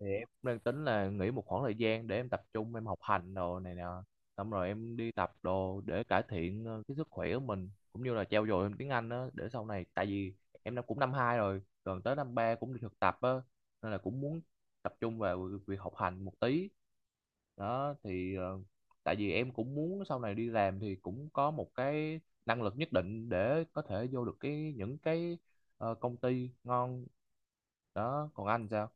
Thì em cũng đang tính là nghỉ một khoảng thời gian để em tập trung em học hành đồ này nè, xong rồi em đi tập đồ để cải thiện cái sức khỏe của mình, cũng như là trau dồi em tiếng Anh đó để sau này. Tại vì em đã cũng năm hai rồi gần tới năm ba cũng đi thực tập á, nên là cũng muốn tập trung vào việc việc học hành một tí đó thì. Ờ, tại vì em cũng muốn sau này đi làm thì cũng có một cái năng lực nhất định để có thể vô được cái những cái công ty ngon đó. Còn anh sao?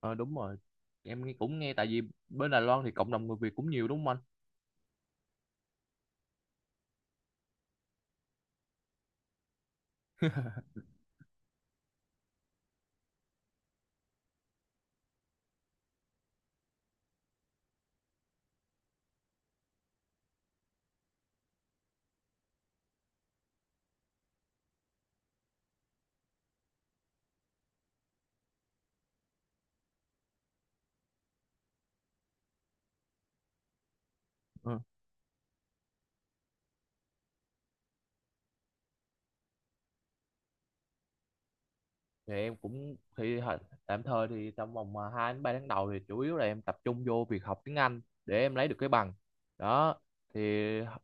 Ờ, đúng rồi. Em cũng nghe tại vì bên Đài Loan thì cộng đồng người Việt cũng nhiều, đúng không anh? Ờ, thì em cũng tạm thời thì trong vòng mà 2 đến 3 tháng đầu thì chủ yếu là em tập trung vô việc học tiếng Anh để em lấy được cái bằng đó. Thì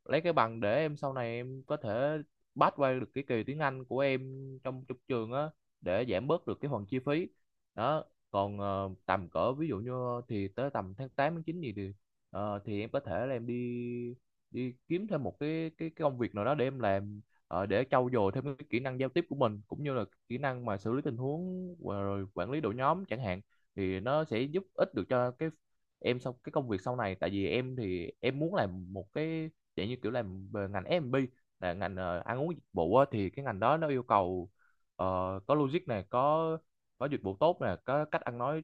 lấy cái bằng để em sau này em có thể pass qua được cái kỳ tiếng Anh của em trong trong trường á, để giảm bớt được cái phần chi phí đó. Còn tầm cỡ ví dụ như, thì tới tầm tháng 8 tháng 9 gì thì thì em có thể là em đi đi kiếm thêm một cái công việc nào đó để em làm, để trau dồi thêm cái kỹ năng giao tiếp của mình, cũng như là kỹ năng mà xử lý tình huống và rồi quản lý đội nhóm chẳng hạn. Thì nó sẽ giúp ích được cho cái em sau, cái công việc sau này. Tại vì em thì em muốn làm một cái dạng như kiểu làm về ngành F&B, là ngành ăn uống dịch vụ á. Thì cái ngành đó nó yêu cầu ờ, có logic này, có dịch vụ tốt nè, có cách ăn nói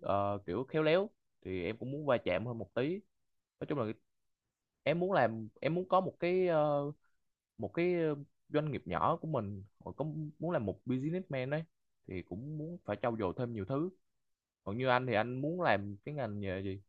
kiểu khéo léo, thì em cũng muốn va chạm hơn một tí. Nói chung là em muốn làm, em muốn có một cái một cái doanh nghiệp nhỏ của mình họ có, muốn làm một businessman đấy, thì cũng muốn phải trau dồi thêm nhiều thứ. Còn như anh thì anh muốn làm cái ngành nghề gì?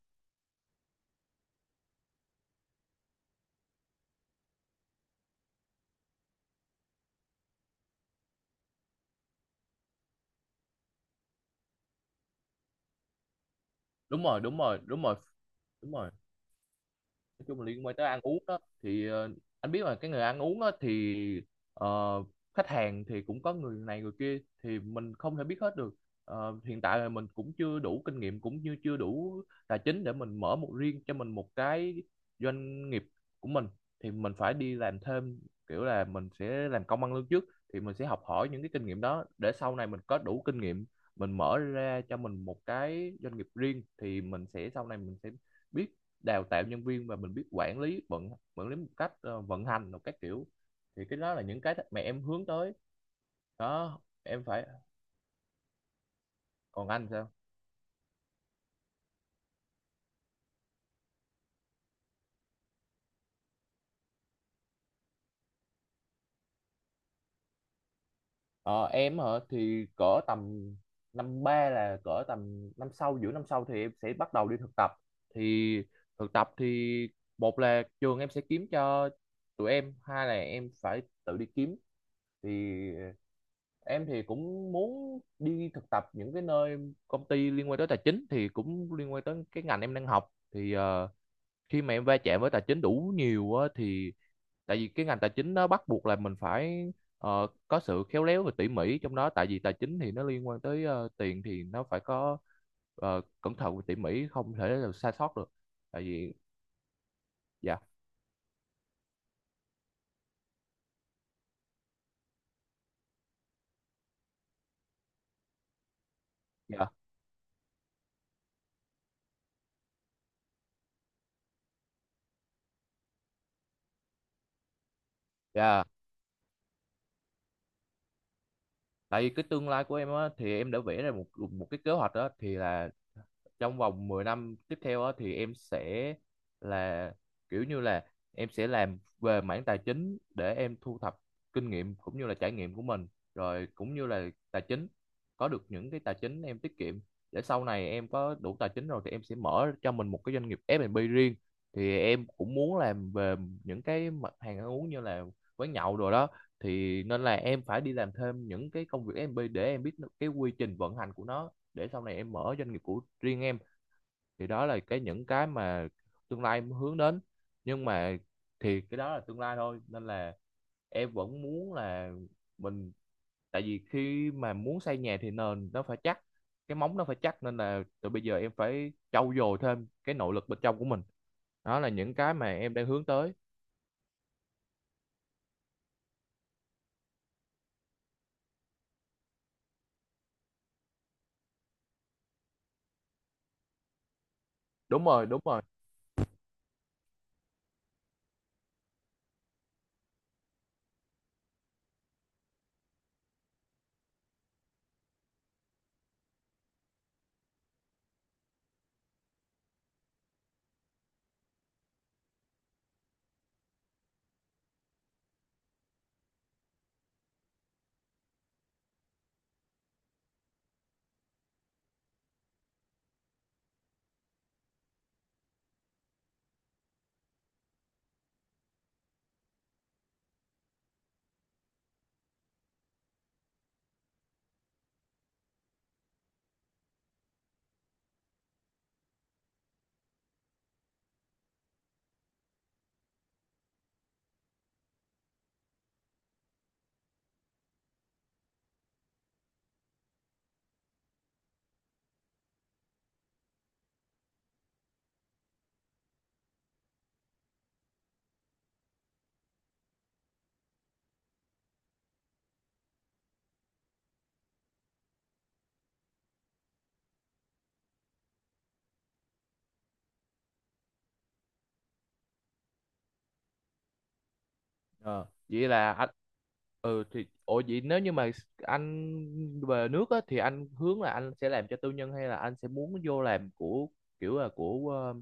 Đúng rồi, đúng rồi, đúng rồi. Đúng rồi, nói chung là liên quan tới ăn uống đó. Thì anh biết là cái người ăn uống đó thì ờ, khách hàng thì cũng có người này người kia, thì mình không thể biết hết được. Ờ, hiện tại là mình cũng chưa đủ kinh nghiệm cũng như chưa đủ tài chính để mình mở một riêng cho mình một cái doanh nghiệp của mình, thì mình phải đi làm thêm. Kiểu là mình sẽ làm công ăn lương trước, thì mình sẽ học hỏi những cái kinh nghiệm đó để sau này mình có đủ kinh nghiệm, mình mở ra cho mình một cái doanh nghiệp riêng. Thì mình sẽ sau này mình sẽ biết đào tạo nhân viên, và mình biết quản lý, vận quản lý một cách, vận hành một cách kiểu, thì cái đó là những cái mà em hướng tới đó em phải. Còn anh sao? Ờ, em hả? Thì cỡ tầm năm ba là cỡ tầm năm sau, giữa năm sau thì em sẽ bắt đầu đi thực tập. Thì thực tập thì, một là trường em sẽ kiếm cho tụi em, hai là em phải tự đi kiếm. Thì em thì cũng muốn đi thực tập những cái nơi công ty liên quan tới tài chính, thì cũng liên quan tới cái ngành em đang học. Thì khi mà em va chạm với tài chính đủ nhiều á, thì tại vì cái ngành tài chính nó bắt buộc là mình phải có sự khéo léo và tỉ mỉ trong đó. Tại vì tài chính thì nó liên quan tới tiền, thì nó phải có cẩn thận và tỉ mỉ, không thể là sai sót được. Tại vì dạ, dạ, dạ. Tại vì cái tương lai của em á, thì em đã vẽ ra một một cái kế hoạch đó thì là, trong vòng 10 năm tiếp theo á, thì em sẽ là, kiểu như là em sẽ làm về mảng tài chính, để em thu thập kinh nghiệm cũng như là trải nghiệm của mình, rồi cũng như là tài chính, có được những cái tài chính em tiết kiệm, để sau này em có đủ tài chính rồi thì em sẽ mở cho mình một cái doanh nghiệp F&B riêng. Thì em cũng muốn làm về những cái mặt hàng ăn uống như là quán nhậu rồi đó, thì nên là em phải đi làm thêm những cái công việc F&B để em biết cái quy trình vận hành của nó, để sau này em mở doanh nghiệp của riêng em. Thì đó là cái những cái mà tương lai em hướng đến. Nhưng mà thì cái đó là tương lai thôi, nên là em vẫn muốn là mình, tại vì khi mà muốn xây nhà thì nền nó phải chắc, cái móng nó phải chắc, nên là từ bây giờ em phải trau dồi thêm cái nội lực bên trong của mình. Đó là những cái mà em đang hướng tới. Đúng rồi, đúng rồi. Ờ, vậy là anh. Ừ, thì ủa vậy nếu như mà anh về nước á, thì anh hướng là anh sẽ làm cho tư nhân hay là anh sẽ muốn vô làm của, kiểu là của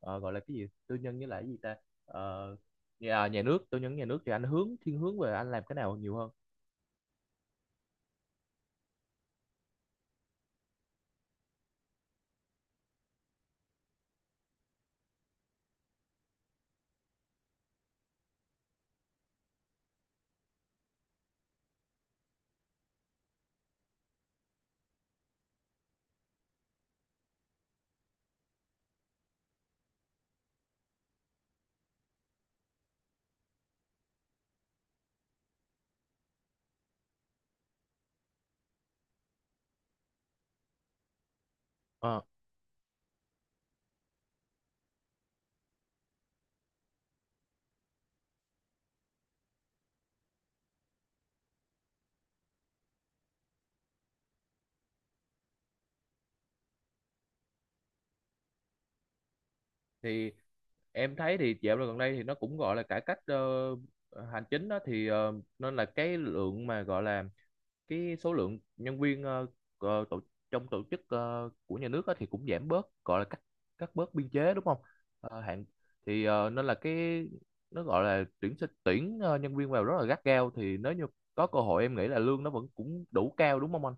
ờ, gọi là cái gì, tư nhân với lại cái gì ta. Ờ, nhà nước, tư nhân nhà nước thì anh hướng, thiên hướng về anh làm cái nào nhiều hơn? Ờ, thì em thấy thì dạo gần đây thì nó cũng gọi là cải cách hành chính đó, thì nên là cái lượng mà gọi là, cái số lượng nhân viên tổ, trong tổ chức của nhà nước á, thì cũng giảm bớt, gọi là cắt cắt bớt biên chế, đúng không? Ờ, hạn, thì nên là cái, nó gọi là tuyển nhân viên vào rất là gắt gao. Thì nếu như có cơ hội, em nghĩ là lương nó vẫn cũng đủ cao, đúng không anh?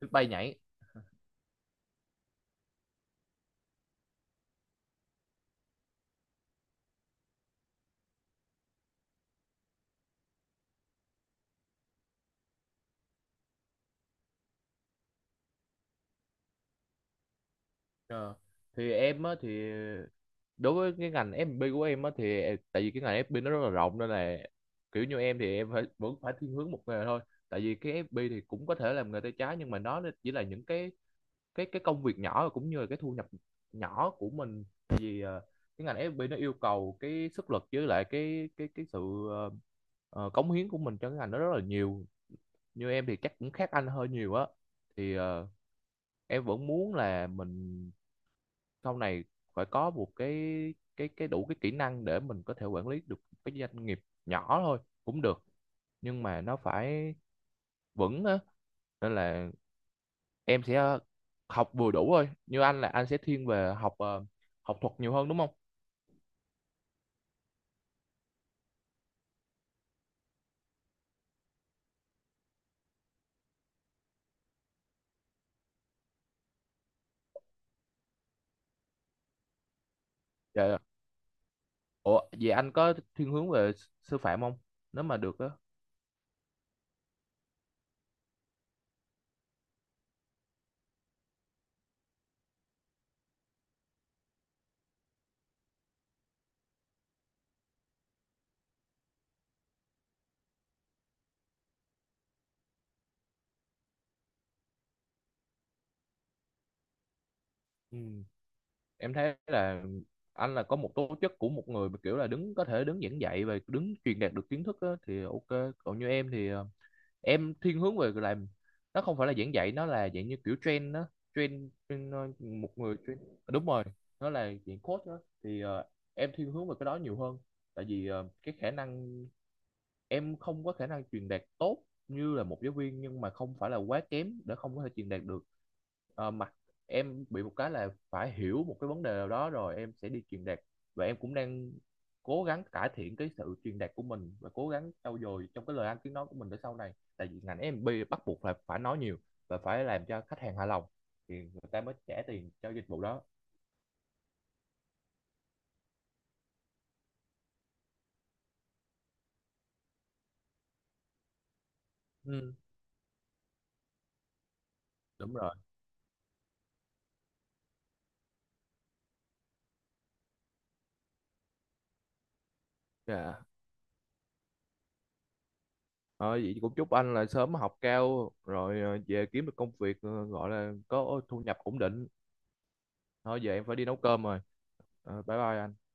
Được bay nhảy. Ờ, thì em á, thì đối với cái ngành F&B của em á, thì tại vì cái ngành F&B nó rất là rộng, nên là kiểu như em thì em phải, vẫn phải thiên hướng một nghề thôi. Tại vì cái FB thì cũng có thể làm nghề tay trái, nhưng mà nó chỉ là những cái cái công việc nhỏ, cũng như là cái thu nhập nhỏ của mình. Vì cái ngành FB nó yêu cầu cái sức lực, với lại cái cái sự ờ, cống hiến của mình cho cái ngành đó rất là nhiều. Như em thì chắc cũng khác anh hơi nhiều á. Thì em vẫn muốn là mình sau này phải có một cái, cái đủ cái kỹ năng để mình có thể quản lý được cái doanh nghiệp nhỏ thôi cũng được, nhưng mà nó phải vững á. Nên là em sẽ học vừa đủ thôi. Như anh là anh sẽ thiên về học học thuật nhiều hơn đúng không? Dạ, dạ. Ủa vậy anh có thiên hướng về sư phạm không, nếu mà được á? Ừ, em thấy là anh là có một tố chất của một người mà kiểu là đứng, có thể đứng giảng dạy và đứng truyền đạt được kiến thức á, thì ok. Còn như em thì em thiên hướng về làm, nó không phải là giảng dạy, nó là dạng như kiểu train đó. Train, một người train. Ờ, đúng rồi, nó là dạng coach đó. Thì em thiên hướng về cái đó nhiều hơn. Tại vì cái khả năng, em không có khả năng truyền đạt tốt như là một giáo viên, nhưng mà không phải là quá kém để không có thể truyền đạt được. Ờ, mặt em bị một cái là phải hiểu một cái vấn đề nào đó rồi em sẽ đi truyền đạt. Và em cũng đang cố gắng cải thiện cái sự truyền đạt của mình, và cố gắng trau dồi trong cái lời ăn tiếng nói của mình, để sau này, tại vì ngành em bị bắt buộc là phải nói nhiều và phải làm cho khách hàng hài lòng thì người ta mới trả tiền cho dịch vụ đó. Ừ. Đúng rồi. Dạ. Ờ, vậy cũng chúc anh là sớm học cao rồi, về kiếm được công việc gọi là có thu nhập ổn định. Thôi giờ em phải đi nấu cơm rồi. Ờ, bye bye anh.